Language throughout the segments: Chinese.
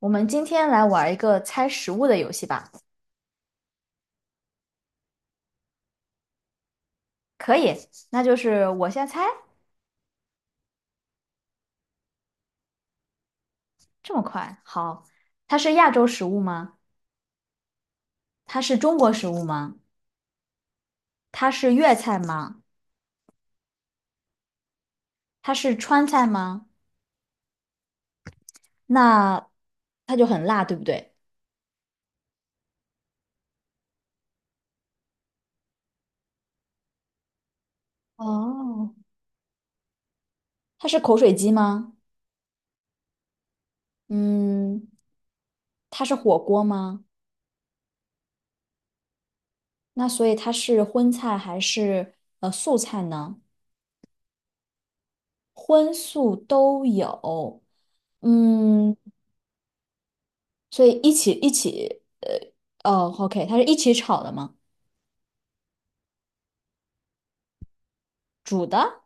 我们今天来玩一个猜食物的游戏吧。可以，那就是我先猜。这么快。好，它是亚洲食物吗？它是中国食物吗？它是粤菜吗？它是川菜吗？那它就很辣，对不对？哦，它是口水鸡吗？嗯，它是火锅吗？那所以它是荤菜还是素菜呢？荤素都有。嗯，所以一起，OK,它是一起炒的吗？煮的，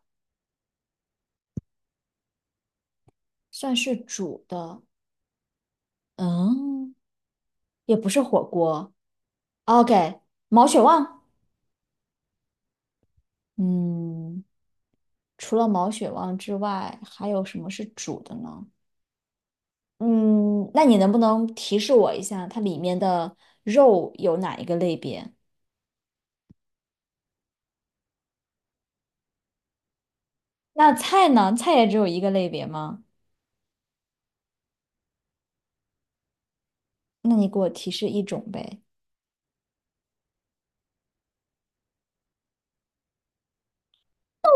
算是煮的。嗯，也不是火锅。OK,毛血旺。嗯，除了毛血旺之外，还有什么是煮的呢？嗯，那你能不能提示我一下，它里面的肉有哪一个类别？那菜呢？菜也只有一个类别吗？那你给我提示一种呗。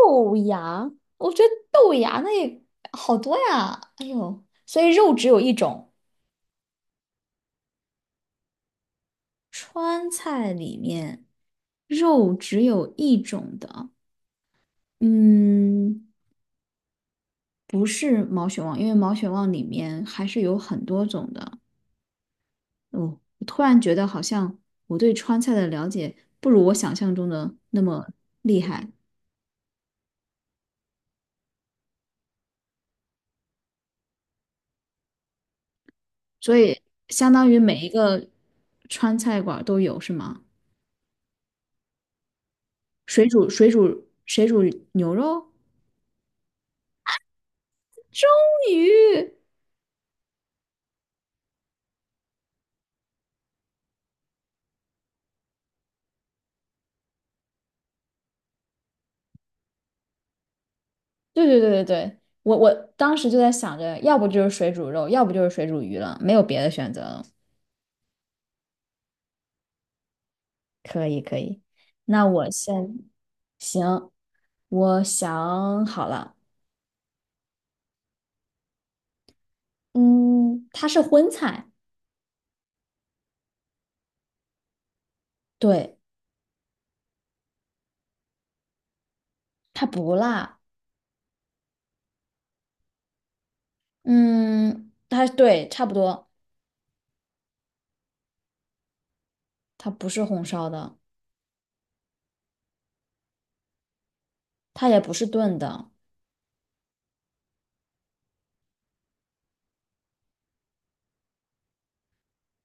豆芽，我觉得豆芽那也好多呀。哎呦，所以肉只有一种。川菜里面肉只有一种的，嗯，不是毛血旺，因为毛血旺里面还是有很多种的。哦，我突然觉得好像我对川菜的了解不如我想象中的那么厉害，所以相当于每一个川菜馆儿都有，是吗？水煮牛肉。终于，对对对对对，我当时就在想着，要不就是水煮肉，要不就是水煮鱼了，没有别的选择了。可以可以，那我先。行，我想好了。嗯，它是荤菜。对，它不辣。嗯，它对，差不多。它不是红烧的，它也不是炖的。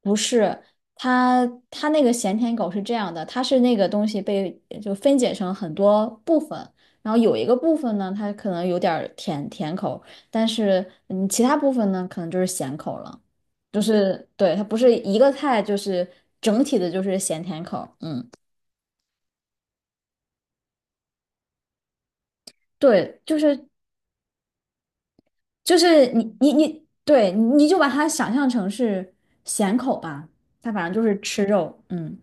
不是，它它那个咸甜口是这样的，它是那个东西被就分解成很多部分，然后有一个部分呢，它可能有点儿甜甜口，但是其他部分呢，可能就是咸口了。就是对，它不是一个菜，就是整体的就是咸甜口。嗯，对，就是你，对，你就把它想象成是咸口吧，它反正就是吃肉。嗯，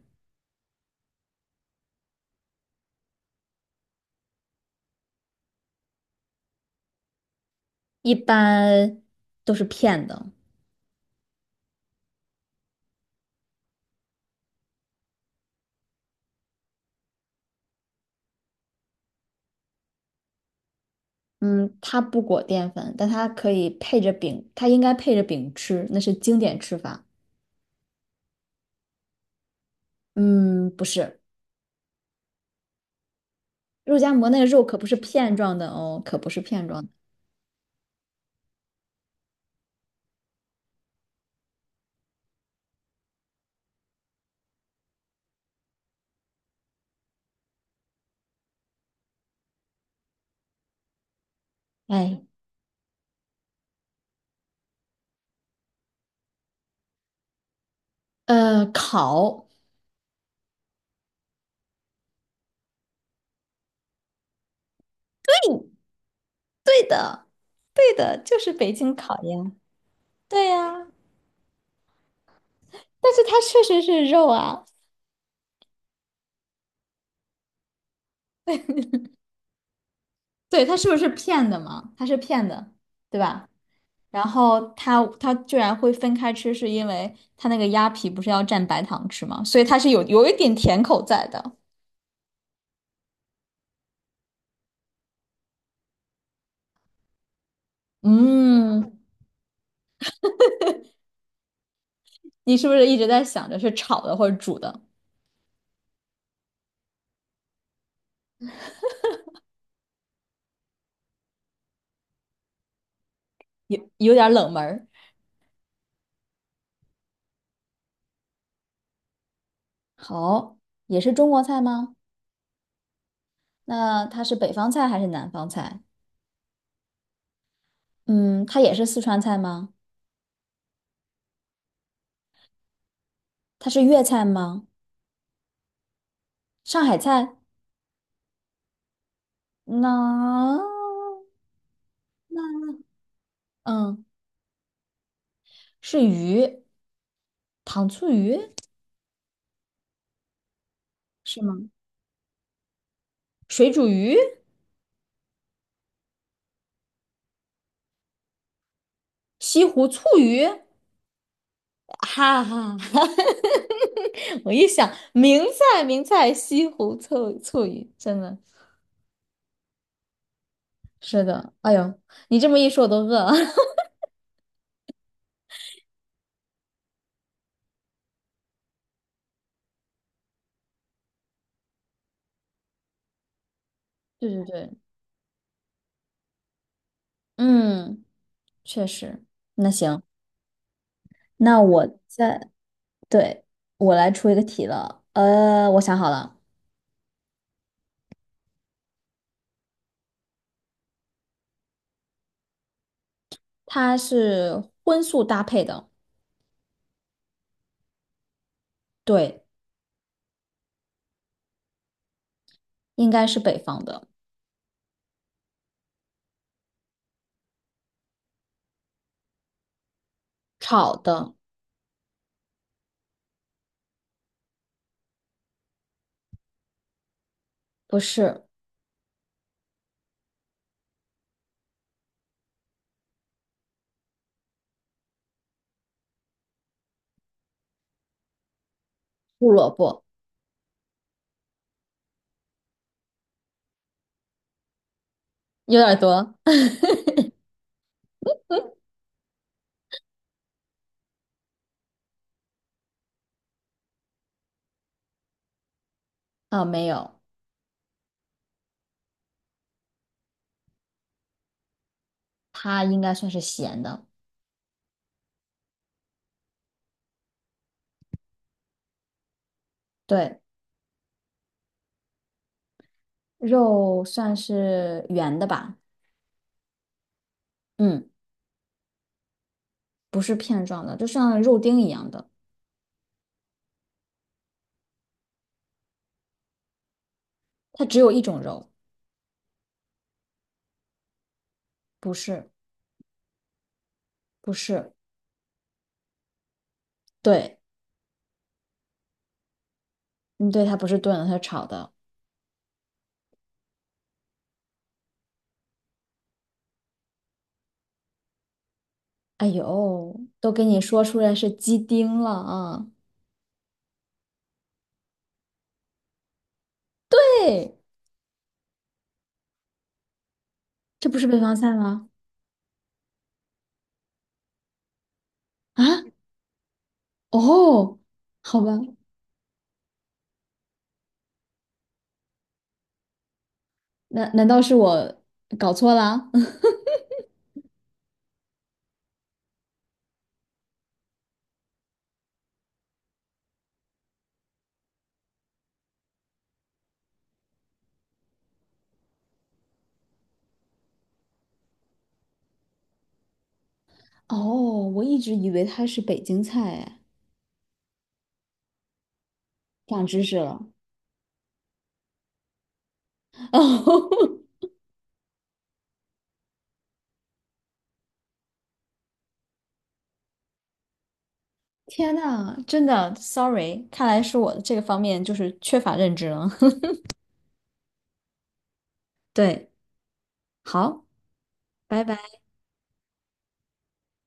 一般都是骗的。嗯，它不裹淀粉，但它可以配着饼，它应该配着饼吃，那是经典吃法。嗯，不是，肉夹馍那个肉可不是片状的哦，可不是片状的。哎，烤。对的，就是北京烤鸭。对呀，但是它确实是肉啊。对，它是不是片的嘛？它是片的，对吧？然后它它居然会分开吃，是因为它那个鸭皮不是要蘸白糖吃吗？所以它是有一点甜口在的。嗯，你是不是一直在想着是炒的或者煮的？有有点冷门儿。好，也是中国菜吗？那它是北方菜还是南方菜？嗯，它也是四川菜吗？它是粤菜吗？上海菜？那，嗯，是鱼，糖醋鱼是吗？水煮鱼、西湖醋鱼，哈哈哈！我一想，名菜名菜，西湖醋鱼，真的。是的，哎呦，你这么一说，我都饿了。对对对，嗯，确实。那行，那我再，对，我来出一个题了。我想好了。它是荤素搭配的，对，应该是北方的，炒的。不是胡萝卜，有点多。 啊，没有，它应该算是咸的。对，肉算是圆的吧。嗯，不是片状的，就像肉丁一样的，它只有一种肉。不是，不是，对，你对它不是炖的，它是炒的。哎呦，都给你说出来是鸡丁了啊！对，这不是北方菜吗？啊，哦，好吧，难难道是我搞错了？哦，我一直以为它是北京菜，哎，长知识了。哦，天呐，真的，sorry,看来是我这个方面就是缺乏认知了。对，好，拜拜。